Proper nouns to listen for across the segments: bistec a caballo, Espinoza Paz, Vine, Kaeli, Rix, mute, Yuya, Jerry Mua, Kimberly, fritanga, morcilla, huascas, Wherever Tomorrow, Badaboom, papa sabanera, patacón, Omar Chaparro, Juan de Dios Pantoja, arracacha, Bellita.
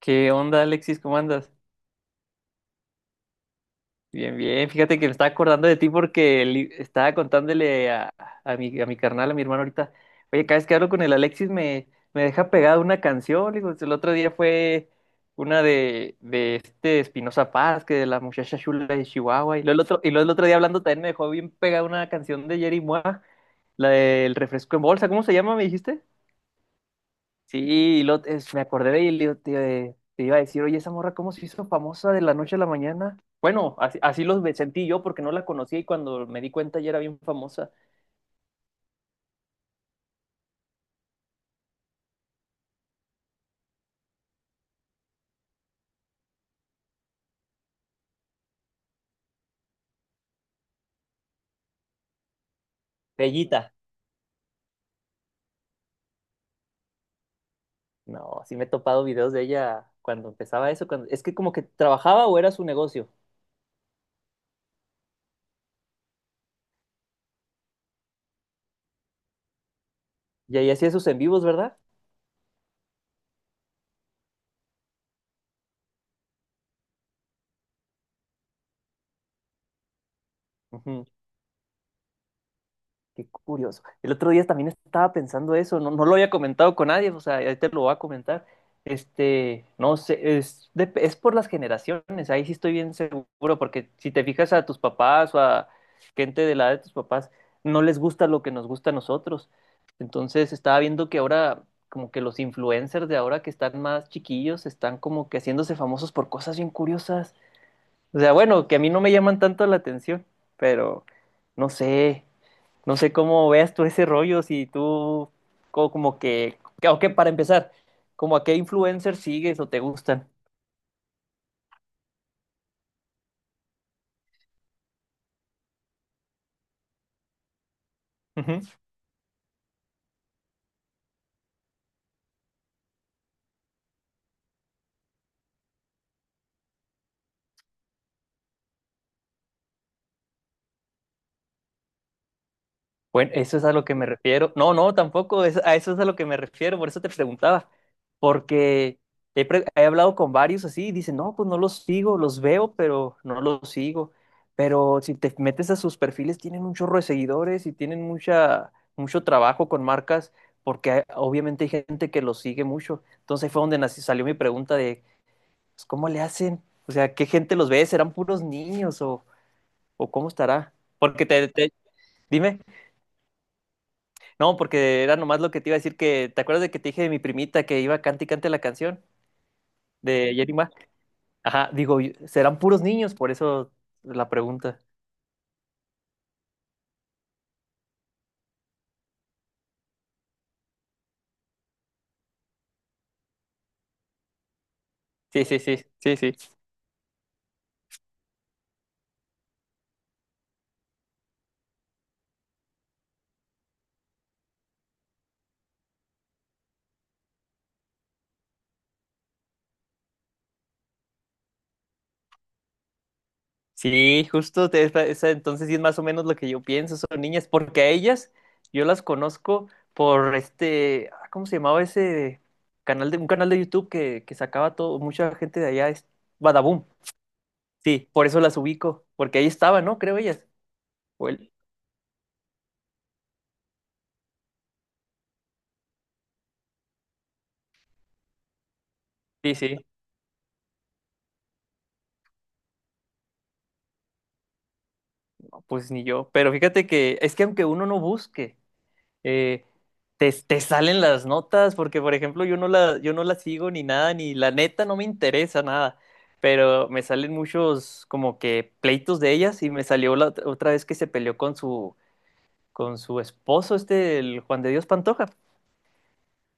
¿Qué onda, Alexis? ¿Cómo andas? Bien, bien. Fíjate que me estaba acordando de ti porque estaba contándole a, a mi carnal, a mi hermano ahorita. Oye, cada vez que hablo con el Alexis me deja pegada una canción. Le digo, el otro día fue una de este Espinoza Paz, que de la muchacha chula de Chihuahua. Y luego el otro día hablando también me dejó bien pegada una canción de Jerry Mua, la del refresco en bolsa. ¿Cómo se llama, me dijiste? Sí, me acordé de él, y te iba a decir, oye, esa morra, ¿cómo se hizo famosa de la noche a la mañana? Bueno, así, sentí yo porque no la conocía y cuando me di cuenta ya era bien famosa. Bellita. No, sí me he topado videos de ella cuando empezaba eso. Cuando, es que como que trabajaba o era su negocio. Y ahí hacía sus en vivos, ¿verdad? Ujú. Qué curioso. El otro día también estaba pensando eso, no, no lo había comentado con nadie, o sea, ahí te lo voy a comentar. No sé, es por las generaciones, ahí sí estoy bien seguro, porque si te fijas a tus papás o a gente de la edad de tus papás, no les gusta lo que nos gusta a nosotros. Entonces estaba viendo que ahora, como que los influencers de ahora que están más chiquillos, están como que haciéndose famosos por cosas bien curiosas. O sea, bueno, que a mí no me llaman tanto la atención, pero no sé. No sé cómo veas tú ese rollo, si tú como que, o que para empezar, como a qué influencers sigues o te gustan. Bueno, eso es a lo que me refiero. No, no, tampoco, a eso es a lo que me refiero, por eso te preguntaba, porque he hablado con varios así y dicen, no, pues no los sigo, los veo, pero no los sigo. Pero si te metes a sus perfiles, tienen un chorro de seguidores y tienen mucho trabajo con marcas, porque obviamente hay gente que los sigue mucho. Entonces ahí fue donde salió mi pregunta de, pues, ¿cómo le hacen? O sea, ¿qué gente los ve? ¿Serán puros niños o cómo estará? Porque dime. No, porque era nomás lo que te iba a decir que, ¿te acuerdas de que te dije de mi primita que iba cante y cante la canción de Yerima? Ajá, digo, serán puros niños, por eso la pregunta. Sí, sí, sí, sí, sí. Sí, justo, entonces sí es más o menos lo que yo pienso, son niñas, porque a ellas yo las conozco por ¿cómo se llamaba ese un canal de YouTube que sacaba todo, mucha gente de allá, es Badaboom. Sí, por eso las ubico, porque ahí estaba, ¿no? Creo ellas. O él. Sí, sí. Pues ni yo, pero fíjate que es que aunque uno no busque, eh, te salen las notas, porque por ejemplo yo no la sigo ni nada, ni la neta no me interesa nada, pero me salen muchos como que pleitos de ellas y me salió la otra vez que se peleó con su esposo, el Juan de Dios Pantoja.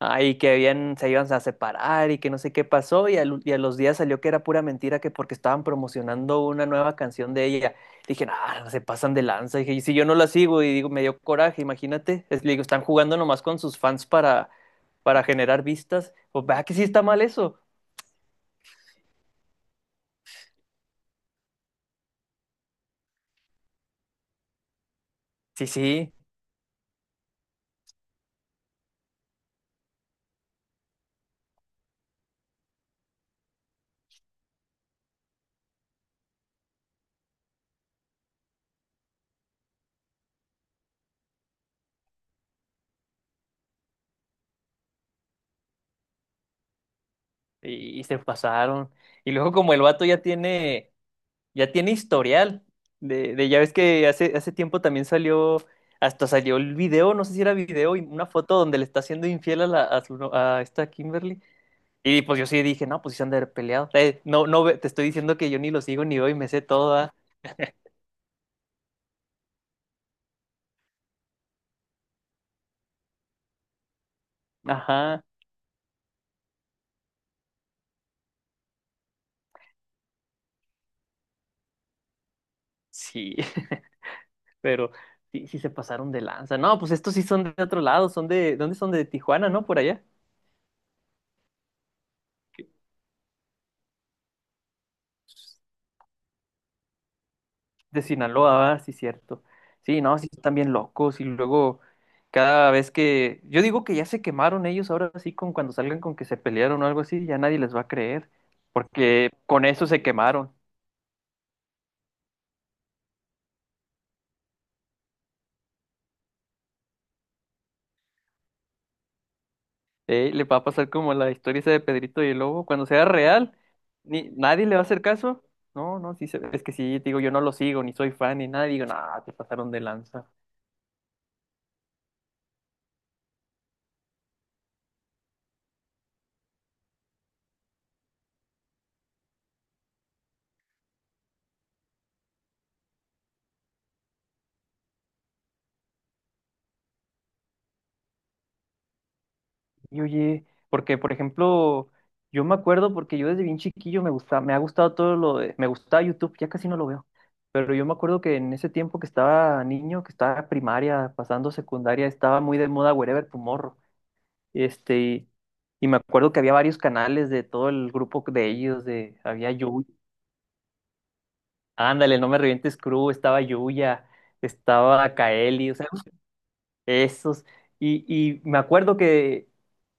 Ay, que habían, se iban a separar y que no sé qué pasó y a los días salió que era pura mentira, que porque estaban promocionando una nueva canción de ella. Dije, ah, se pasan de lanza. Dije, y si yo no la sigo y digo, me dio coraje, imagínate. Le digo, están jugando nomás con sus fans para generar vistas. Pues vea que sí está mal eso. Sí, sí, y se pasaron. Y luego como el vato ya tiene historial. Ya ves que hace tiempo también salió, hasta salió el video, no sé si era video, y una foto donde le está haciendo infiel a, la, a, su no- a esta Kimberly. Y pues yo sí dije, no, pues sí se han de haber peleado. No, no, te estoy diciendo que yo ni lo sigo ni veo y me sé toda. Ajá, sí, pero sí, sí se pasaron de lanza. No, pues estos sí son de otro lado, son de, ¿dónde son? De Tijuana, ¿no? Por allá. De Sinaloa, ah, sí, cierto. Sí, no, sí, están bien locos. Y luego, cada vez que. Yo digo que ya se quemaron ellos ahora sí, con cuando salgan con que se pelearon o algo así, ya nadie les va a creer. Porque con eso se quemaron. Le va a pasar como la historia esa de Pedrito y el Lobo. Cuando sea real, ni, nadie le va a hacer caso. No, no, sí, es que sí, digo, yo no lo sigo, ni soy fan, ni nada. Digo, nada, te pasaron de lanza. Y oye, porque por ejemplo, yo me acuerdo porque yo desde bien chiquillo me ha gustado me gustaba YouTube, ya casi no lo veo, pero yo me acuerdo que en ese tiempo que estaba niño, que estaba en primaria, pasando secundaria, estaba muy de moda Wherever Tomorrow, este, y, y me acuerdo que había varios canales de todo el grupo de ellos, había Yuya, ándale, no me revientes crew, estaba Yuya, estaba Kaeli, o sea, esos, y me acuerdo que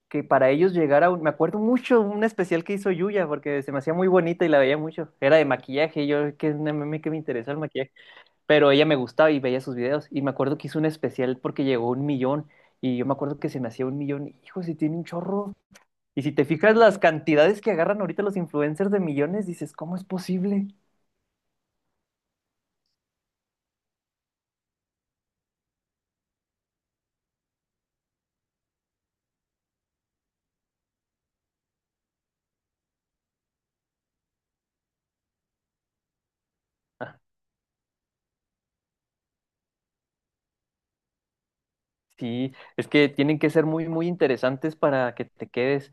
que para ellos me acuerdo mucho un especial que hizo Yuya porque se me hacía muy bonita y la veía mucho. Era de maquillaje, y yo que no me que me interesa el maquillaje, pero ella me gustaba y veía sus videos y me acuerdo que hizo un especial porque llegó a 1 millón, y yo me acuerdo que se me hacía 1 millón, hijo, si tiene un chorro. Y si te fijas las cantidades que agarran ahorita los influencers de millones, dices, ¿cómo es posible? Ah, sí, es que tienen que ser muy muy interesantes para que te quedes,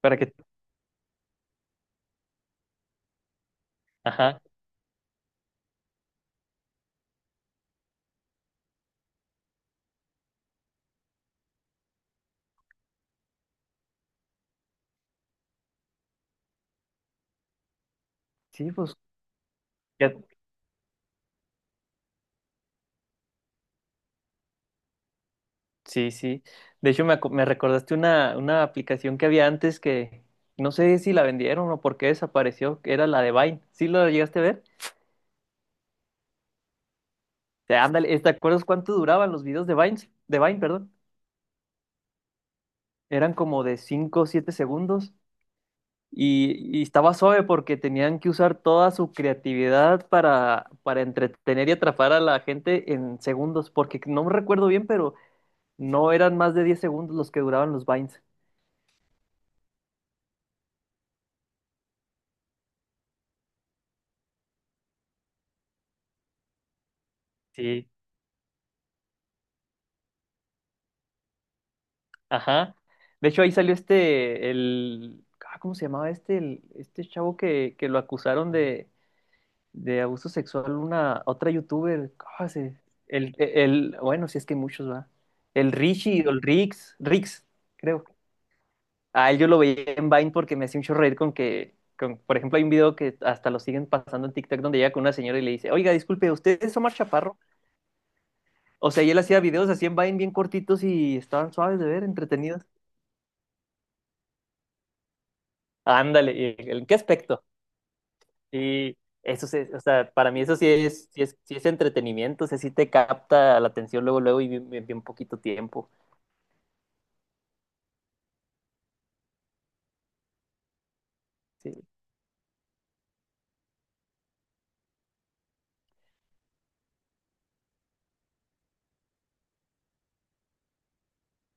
para que, ajá. Sí, pues ya- Sí, sí. De hecho, me recordaste una aplicación que había antes que no sé si la vendieron o por qué desapareció, que era la de Vine. ¿Sí lo llegaste a ver? O ándale, ¿te acuerdas cuánto duraban los videos de Vine? De Vine, perdón. Eran como de 5 o 7 segundos y estaba suave porque tenían que usar toda su creatividad para entretener y atrapar a la gente en segundos, porque no me recuerdo bien, pero no eran más de 10 segundos los que duraban los Vines. Sí, ajá. De hecho, ahí salió ¿cómo se llamaba este? Este chavo que lo acusaron de abuso sexual, otra youtuber, ¿cómo se? Bueno, si es que hay muchos, va. El Richie, o el Rix, creo. A él yo lo veía en Vine porque me hacía un chorro reír por ejemplo, hay un video que hasta lo siguen pasando en TikTok donde llega con una señora y le dice, oiga, disculpe, ¿usted es Omar Chaparro? O sea, y él hacía videos así en Vine bien cortitos y estaban suaves de ver, entretenidos. Ándale, ¿y en qué aspecto? Sí, eso sí, o sea, para mí eso sí es, sí es, sí es entretenimiento, o sea, sí te capta la atención luego, luego y bien, bien poquito tiempo. Sí.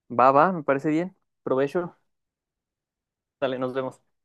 Va, va, me parece bien. Provecho. Dale, nos vemos.